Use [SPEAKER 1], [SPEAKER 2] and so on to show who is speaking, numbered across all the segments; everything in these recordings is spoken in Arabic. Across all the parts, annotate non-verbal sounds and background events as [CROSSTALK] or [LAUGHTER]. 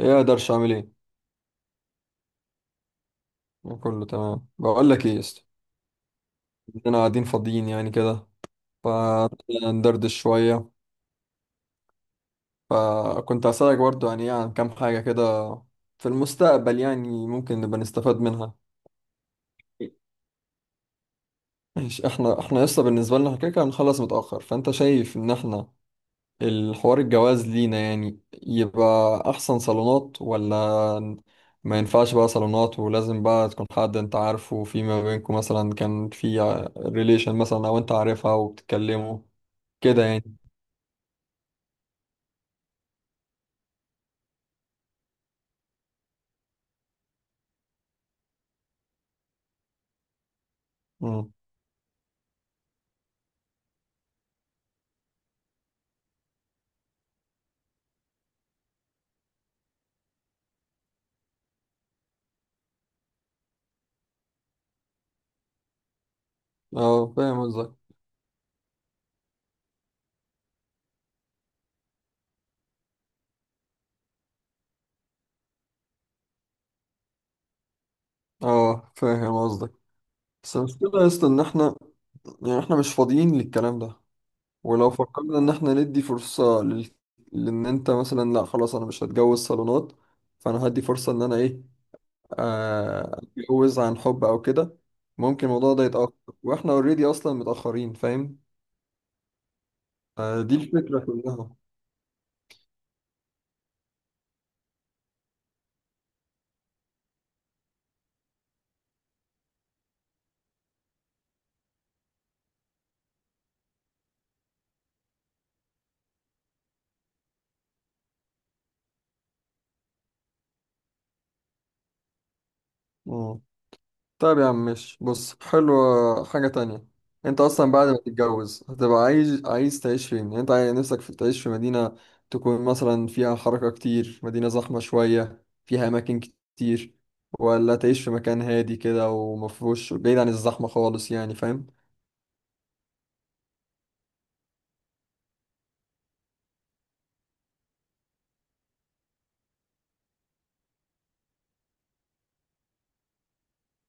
[SPEAKER 1] ايه، اقدرش اعمل ايه؟ كله تمام، بقول لك ايه يا اسطى؟ انا قاعدين فاضيين يعني كده. فندردش شويه. فكنت هسألك برضو يعني ايه عن كام حاجه كده في المستقبل، يعني ممكن نبقى نستفاد منها. ماشي، احنا لسه، بالنسبه لنا إحنا كده كده هنخلص متاخر، فانت شايف ان احنا الحوار الجواز لينا يعني يبقى أحسن صالونات، ولا ما ينفعش بقى صالونات ولازم بقى تكون حد أنت عارفه، في ما بينكم مثلا كان في ريليشن مثلا، أو أنت عارفها وبتتكلموا كده يعني؟ مم. اه، فاهم قصدك. اه، فاهم قصدك. بس المشكلة يا اسطى إن احنا، يعني احنا مش فاضيين للكلام ده. ولو فكرنا إن احنا ندي فرصة لل... لأن أنت مثلا، لأ خلاص أنا مش هتجوز صالونات، فأنا هدي فرصة إن أنا إيه، اتجوز عن حب او كده. ممكن الموضوع ده يتأخر، واحنا اوريدي اصلا متأخرين فاهم. دي الفكرة كلها. مم. طيب يا عم ماشي، بص، حلوة حاجة تانية. انت اصلا بعد ما تتجوز هتبقى عايز تعيش فين؟ يعني انت عايز نفسك في تعيش في مدينة تكون مثلا فيها حركة كتير، مدينة زحمة شوية فيها اماكن كتير، ولا تعيش في مكان هادي كده ومفهوش بعيد عن الزحمة خالص؟ يعني فاهم.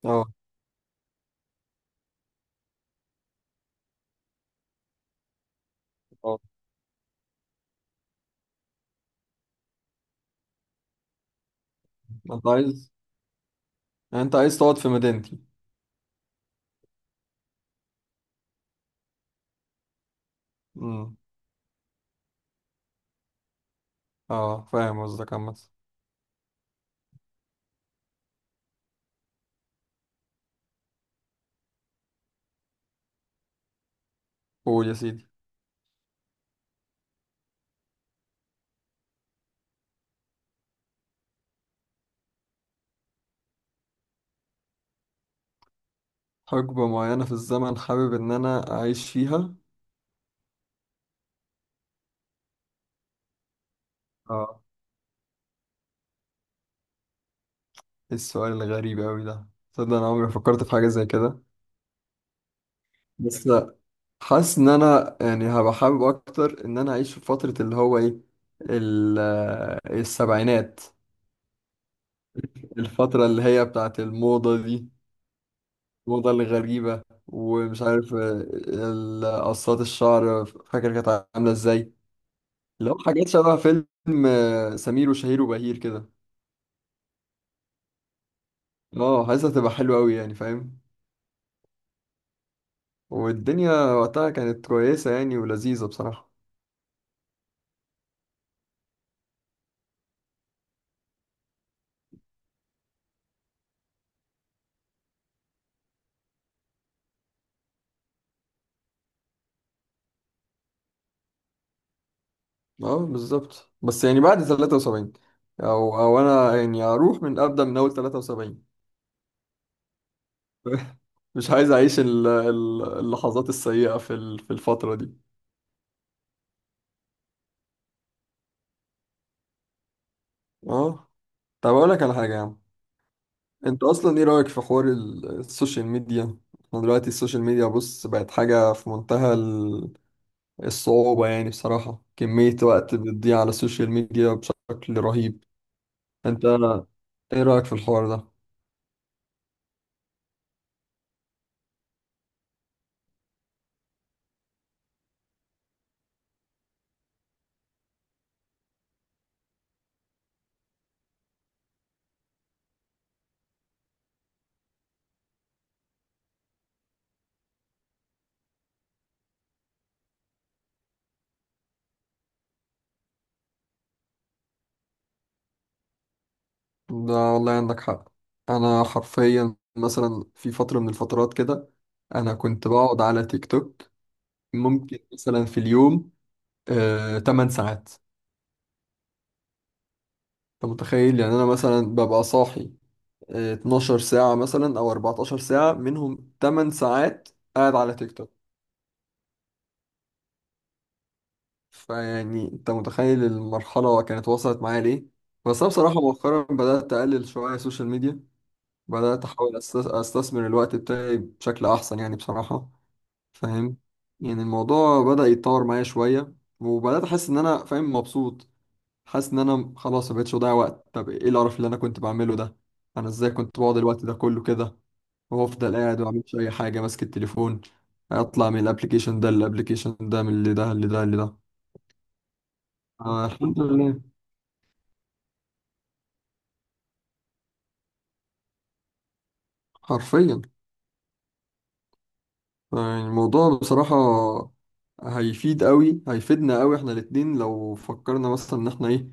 [SPEAKER 1] اه. اه. انت عايز، يعني انت عايز تقعد في مدينتي؟ امم اه، فاهم قصدك عامة. قول يا سيدي. حقبة معينة في الزمن حابب إن أنا أعيش فيها؟ اه. إيه السؤال الغريب أوي ده؟ تصدق أنا عمري ما فكرت في حاجة زي كده. بس لا، حاسس إن أنا يعني هبقى حابب أكتر إن أنا أعيش في فترة اللي هو إيه، السبعينات. الفترة اللي هي بتاعت الموضة دي، الموضة الغريبة، ومش عارف، قصات الشعر فاكر كانت عاملة إزاي. لو حاجات شبه فيلم سمير وشهير وبهير كده. اه، حاسسها تبقى حلوة أوي يعني فاهم. والدنيا وقتها كانت كويسة يعني ولذيذة بصراحة. اه بالظبط، بس يعني بعد 73، أو أنا يعني أروح من أبدأ من أول 73. [LAUGHS] مش عايز أعيش اللحظات السيئة في في الفترة دي. اه. طب أقول لك على حاجة يا عم. أنت أصلا إيه رأيك في حوار السوشيال ميديا؟ احنا دلوقتي السوشيال ميديا بص بقت حاجة في منتهى الصعوبة، يعني بصراحة كمية وقت بتضيع على السوشيال ميديا بشكل رهيب. انت ايه رأيك في الحوار ده؟ ده والله عندك حق. انا حرفيا مثلا في فترة من الفترات كده انا كنت بقعد على تيك توك ممكن مثلا في اليوم 8 ساعات. انت متخيل؟ يعني انا مثلا ببقى صاحي 12 ساعة مثلا او 14 ساعة، منهم 8 ساعات قاعد على تيك توك. فيعني انت متخيل المرحلة كانت وصلت معايا ليه؟ بس انا بصراحة مؤخرا بدأت اقلل شوية السوشيال ميديا، بدأت احاول استثمر الوقت بتاعي بشكل احسن يعني بصراحة. فاهم؟ يعني الموضوع بدأ يتطور معايا شوية، وبدأت احس ان انا فاهم مبسوط. حاسس ان انا خلاص مبقتش بضيع وقت. طب ايه القرف اللي انا كنت بعمله ده؟ انا ازاي كنت بقعد الوقت ده كله كده، وافضل قاعد ومعملش اي حاجة ماسك التليفون، اطلع من الابليكيشن ده للابليكيشن ده، من اللي ده اللي ده اللي ده. الحمد لله. حرفيا. يعني الموضوع بصراحة هيفيد قوي، هيفيدنا قوي احنا الاتنين لو فكرنا مثلا ان احنا ايه،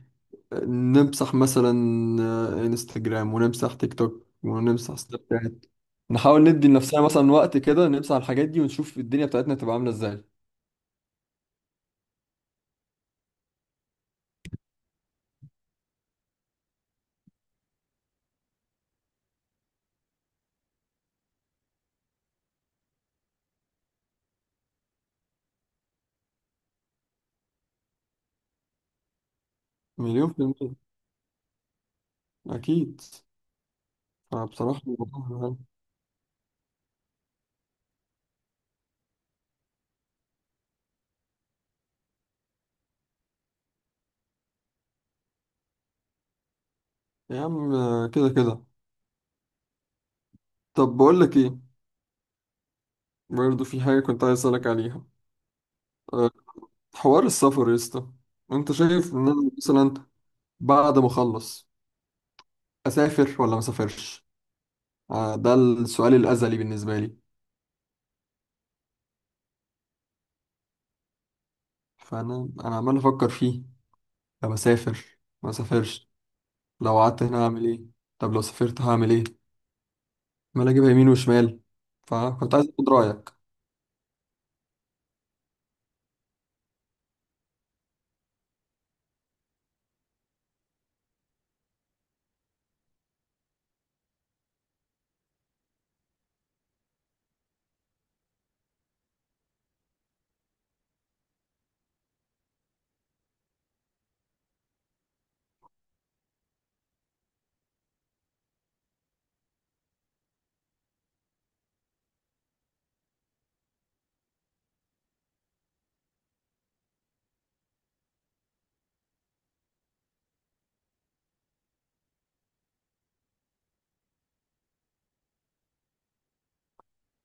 [SPEAKER 1] نمسح مثلا انستجرام ونمسح تيك توك ونمسح سناب شات. نحاول ندي لنفسنا مثلا وقت كده، نمسح الحاجات دي ونشوف الدنيا بتاعتنا تبقى عاملة ازاي. 1,000,000%. أكيد. فبصراحة الموضوع مهم. يا عم كده كده. طب بقول لك ايه، برضه في حاجة كنت عايز أسألك عليها. أه، حوار السفر يا اسطى. انت شايف ان انا مثلا بعد ما اخلص اسافر ولا ما اسافرش؟ ده السؤال الازلي بالنسبه لي. فانا عمال افكر فيه. طب اسافر ما اسافرش؟ لو قعدت هنا هعمل ايه؟ طب لو سافرت هعمل ايه؟ عمال اجيبها يمين وشمال. فكنت عايز اخد رايك.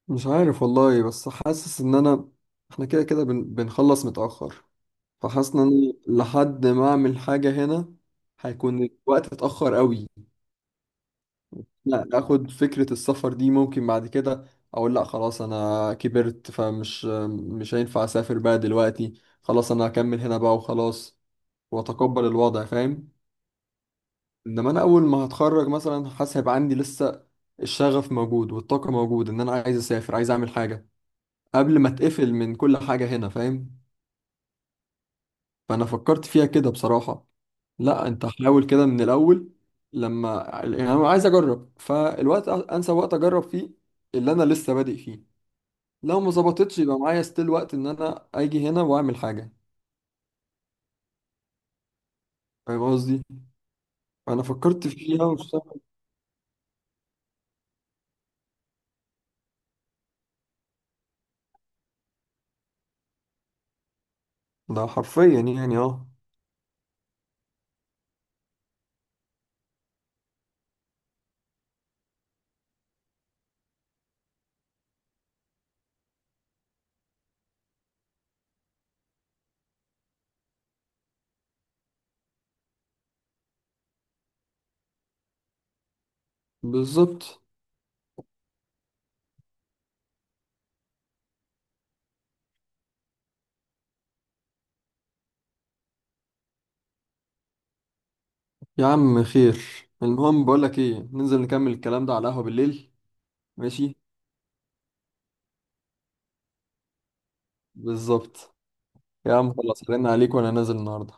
[SPEAKER 1] مش عارف والله، بس حاسس ان انا احنا كده كده بنخلص متاخر، فحاسس ان انا لحد ما اعمل حاجه هنا هيكون الوقت اتاخر قوي. لا، اخد فكرة السفر دي ممكن بعد كده اقول لا خلاص انا كبرت، فمش مش هينفع اسافر بقى دلوقتي، خلاص انا هكمل هنا بقى وخلاص واتقبل الوضع فاهم. انما انا اول ما هتخرج مثلا حاسس هيبقى عندي لسه الشغف موجود والطاقة موجود ان انا عايز اسافر، عايز اعمل حاجة قبل ما اتقفل من كل حاجة هنا فاهم. فانا فكرت فيها كده بصراحة، لا انت حاول كده من الاول، لما يعني انا عايز اجرب فالوقت انسب وقت اجرب فيه اللي انا لسه بادئ فيه. لو ما ظبطتش يبقى معايا ستيل وقت ان انا اجي هنا واعمل حاجه. فاهم قصدي؟ انا فكرت فيها واشتغلت. ده حرفيا يعني اه. بالظبط. يا عم خير، المهم بقول لك ايه، ننزل نكمل الكلام ده على القهوه بالليل. ماشي. بالظبط. يا عم خلاص، رن عليك وانا نازل النهارده.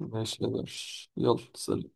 [SPEAKER 1] ماشي يا باشا، يلا سلام.